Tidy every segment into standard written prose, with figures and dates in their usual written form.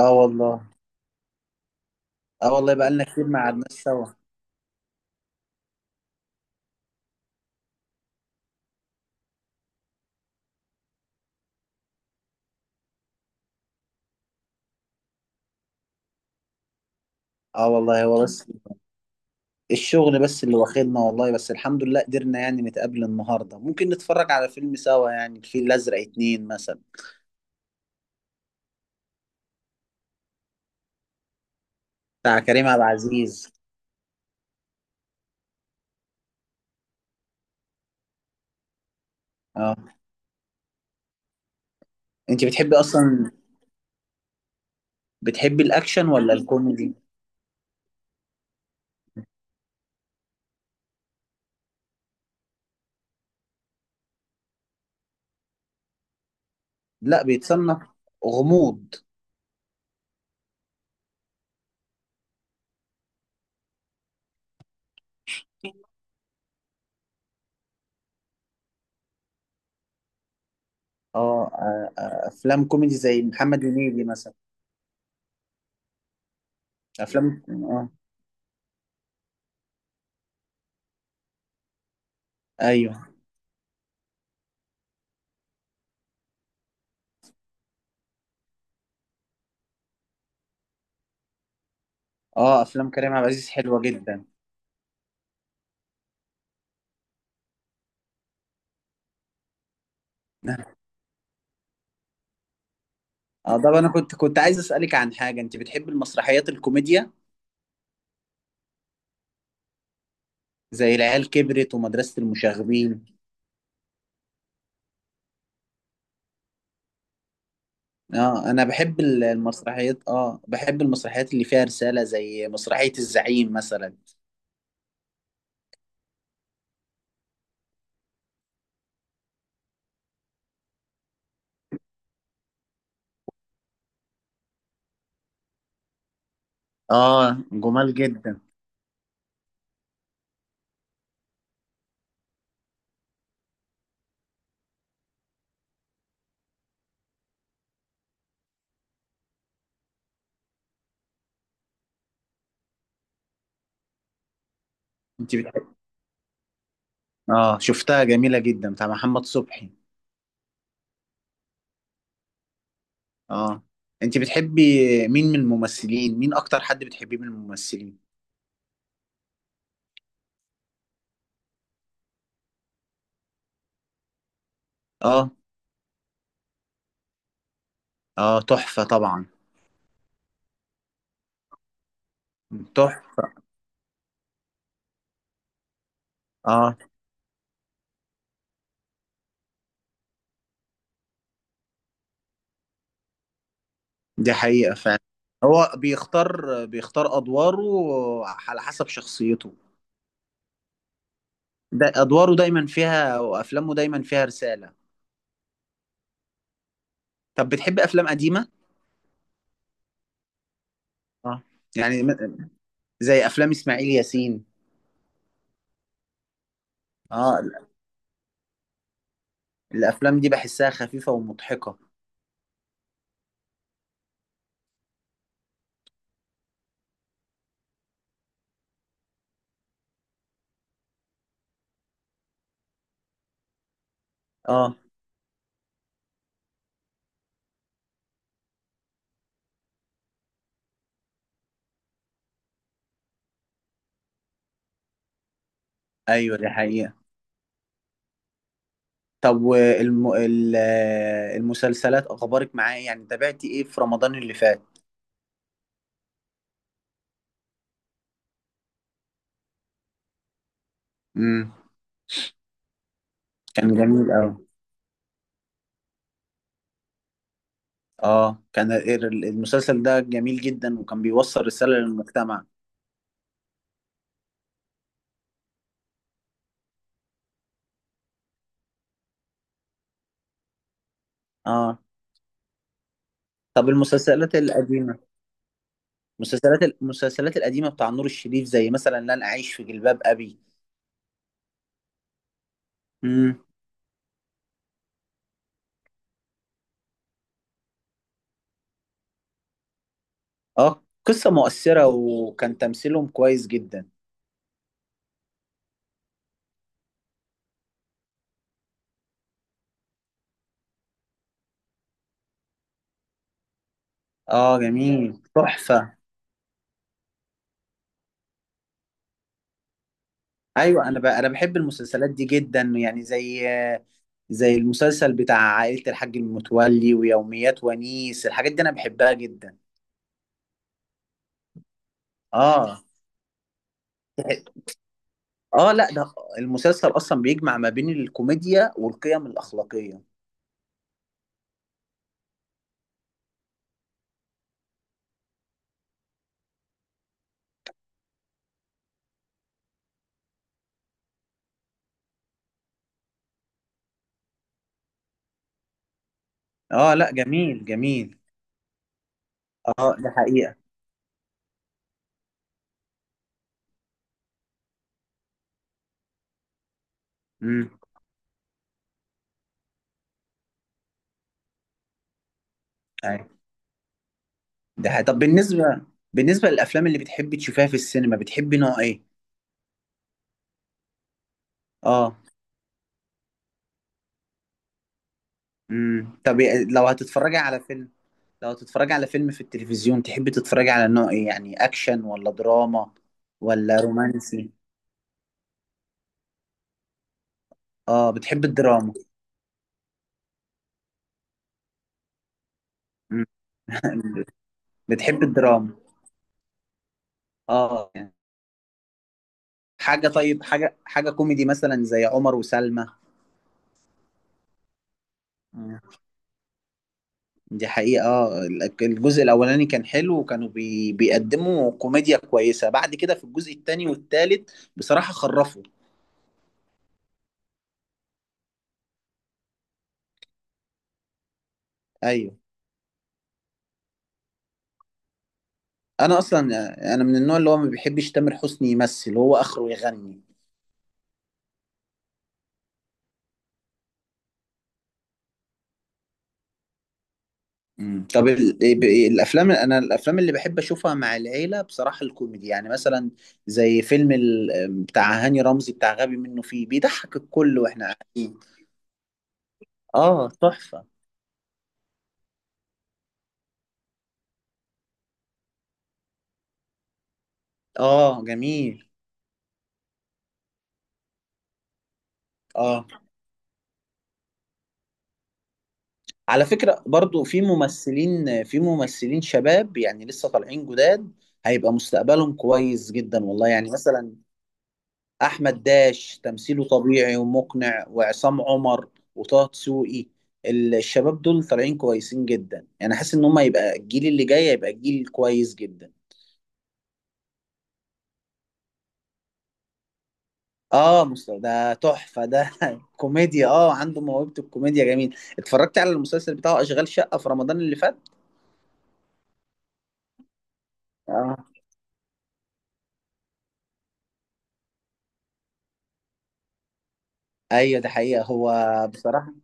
اه والله. اه والله، بقالنا كتير ما قعدناش سوا. اه والله، هو بس الشغل بس اللي واخدنا، والله. بس الحمد لله قدرنا يعني نتقابل النهارده، ممكن نتفرج على فيلم سوا، يعني الفيل الازرق اتنين مثلا، بتاع كريم عبد العزيز. اه، انت بتحبي اصلا؟ بتحبي الاكشن ولا الكوميدي؟ لا، بيتصنف غموض. اه، افلام كوميدي زي محمد هنيدي مثلا. افلام، اه. ايوه. اه، افلام كريم عبد العزيز حلوه جدا. اه، طب انا كنت عايز اسالك عن حاجه، انت بتحب المسرحيات الكوميديا زي العيال كبرت ومدرسه المشاغبين؟ اه، انا بحب المسرحيات، اه بحب المسرحيات اللي فيها رساله، زي مسرحيه الزعيم مثلا. اه، جمال جدا. انت بتحب؟ اه، شفتها جميله جدا، بتاع محمد صبحي. اه، انت بتحبي مين من الممثلين؟ مين اكتر حد بتحبيه من الممثلين؟ اه اه، تحفه طبعا. تحفه. اه، دي حقيقة فعلا. هو بيختار أدواره على حسب شخصيته. ده أدواره دايما فيها، وأفلامه دايما فيها رسالة. طب بتحب أفلام قديمة؟ اه يعني زي أفلام إسماعيل ياسين. اه، الأفلام دي بحسها خفيفة ومضحكة. اه، أيوة، دي حقيقة. طب المسلسلات أخبارك معاه إيه؟ يعني تابعتي إيه في رمضان اللي فات؟ امم. كان جميل أوي. اه، كان المسلسل ده جميل جدا، وكان بيوصل رسالة للمجتمع. اه، طب المسلسلات القديمة، المسلسلات القديمة بتاع نور الشريف، زي مثلا لن أعيش في جلباب أبي. امم. اه، قصة مؤثرة وكان تمثيلهم كويس جدا. اه، جميل، تحفة. ايوه، انا بحب المسلسلات دي جدا، يعني زي المسلسل بتاع عائلة الحاج المتولي ويوميات ونيس، الحاجات دي انا بحبها جدا. اه. اه، لا، ده المسلسل اصلا بيجمع ما بين الكوميديا والقيم الأخلاقية. اه، لا جميل، جميل. اه، ده حقيقة. امم. ايوه، ده حقيقة. طب بالنسبة للأفلام اللي بتحبي تشوفيها في السينما، بتحبي نوع ايه؟ اه. امم. طب لو هتتفرجي على فيلم لو هتتفرجي على فيلم في التلفزيون، تحبي تتفرجي على نوع ايه؟ يعني أكشن ولا دراما ولا رومانسي؟ اه، بتحبي الدراما. مم. بتحبي الدراما. اه يعني حاجة، طيب، حاجة كوميدي مثلا زي عمر وسلمى. دي حقيقة. آه، الجزء الأولاني كان حلو، وكانوا بيقدموا كوميديا كويسة، بعد كده في الجزء التاني والتالت بصراحة خرفوا. أيوه. أنا أصلا، أنا من النوع اللي هو ما بيحبش تامر حسني، يمثل، هو آخره يغني. مم. طب ال... إيه، ب- إيه، الأفلام أنا الأفلام اللي بحب أشوفها مع العيلة بصراحة الكوميدي، يعني مثلا زي فيلم بتاع هاني رمزي، بتاع غبي منه فيه، بيضحك الكل وإحنا قاعدين. آه، تحفة. آه، جميل. آه، على فكرة برضو في ممثلين شباب يعني لسه طالعين جداد، هيبقى مستقبلهم كويس جدا والله، يعني مثلا أحمد داش تمثيله طبيعي ومقنع، وعصام عمر، وطه دسوقي. الشباب دول طالعين كويسين جدا، يعني حاسس ان هم يبقى الجيل اللي جاي يبقى جيل كويس جدا. اه، مستوى ده تحفة ده. كوميديا، اه، عنده موهبة الكوميديا، جميل. اتفرجت على المسلسل بتاعه أشغال شقة في رمضان اللي فات. اه، ايوه، ده حقيقة، هو بصراحة.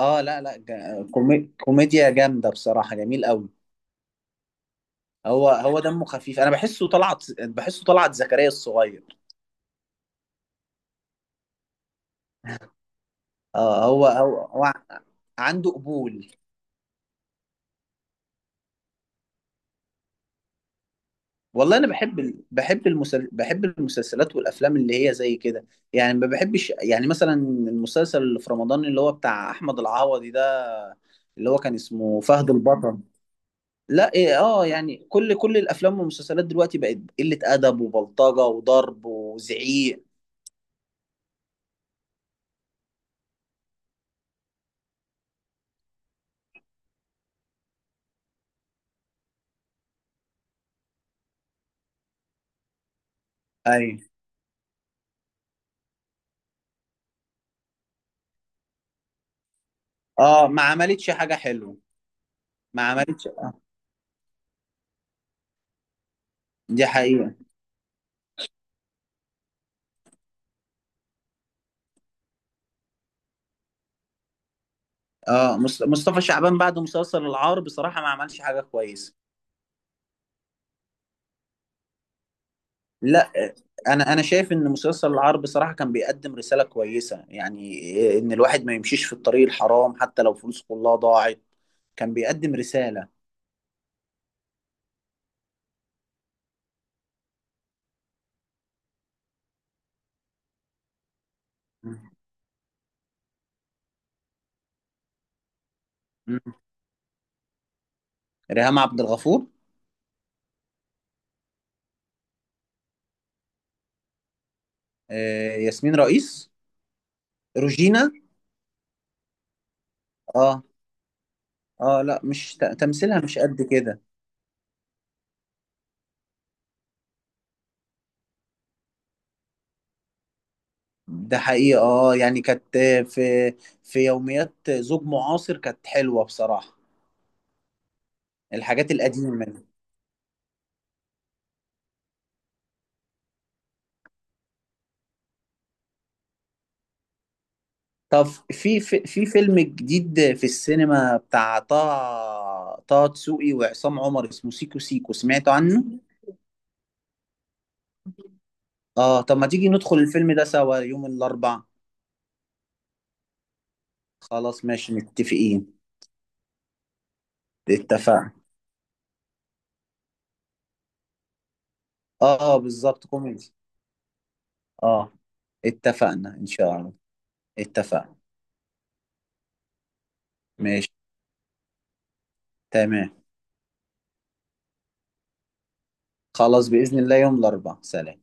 اه، لا لا، كوميديا جامده بصراحه، جميل قوي. هو دمه خفيف، انا بحسه طلعت، بحسه طلعت زكريا الصغير. اه، هو عنده قبول. والله انا بحب بحب بحب المسلسلات والافلام اللي هي زي كده، يعني ما بحبش، يعني مثلا المسلسل اللي في رمضان اللي هو بتاع احمد العوضي ده، اللي هو كان اسمه فهد البطل. لا، ايه، اه يعني كل الافلام والمسلسلات دلوقتي بقت قله ادب وبلطجه وضرب وزعيق. ايوه. اه، ما عملتش حاجة حلوة. ما عملتش. دي حقيقة. اه، مصطفى شعبان بعد مسلسل العار بصراحة ما عملش حاجة كويسة. لا، انا شايف ان مسلسل العار بصراحة كان بيقدم رسالة كويسة، يعني آه، ان الواحد ما يمشيش في الطريق الحرام حتى لو فلوس كلها ضاعت. كان بيقدم رسالة. مم. مم. ريهام عبد الغفور. آه، ياسمين رئيس. روجينا. اه. اه، لا، مش تمثيلها مش قد كده. ده حقيقة. اه يعني كانت، في، في يوميات زوج معاصر كانت حلوة بصراحة. الحاجات القديمة دي. طب في، في فيلم جديد في السينما بتاع طه دسوقي وعصام عمر، اسمه سيكو سيكو، سمعت عنه؟ اه، طب ما تيجي ندخل الفيلم ده سوا يوم الأربعاء؟ خلاص، ماشي، متفقين. اتفقنا. اه، آه، بالظبط كوميدي. اه، اتفقنا ان شاء الله. اتفقنا. ماشي. تمام. خلاص، بإذن الله يوم الأربعاء. سلام.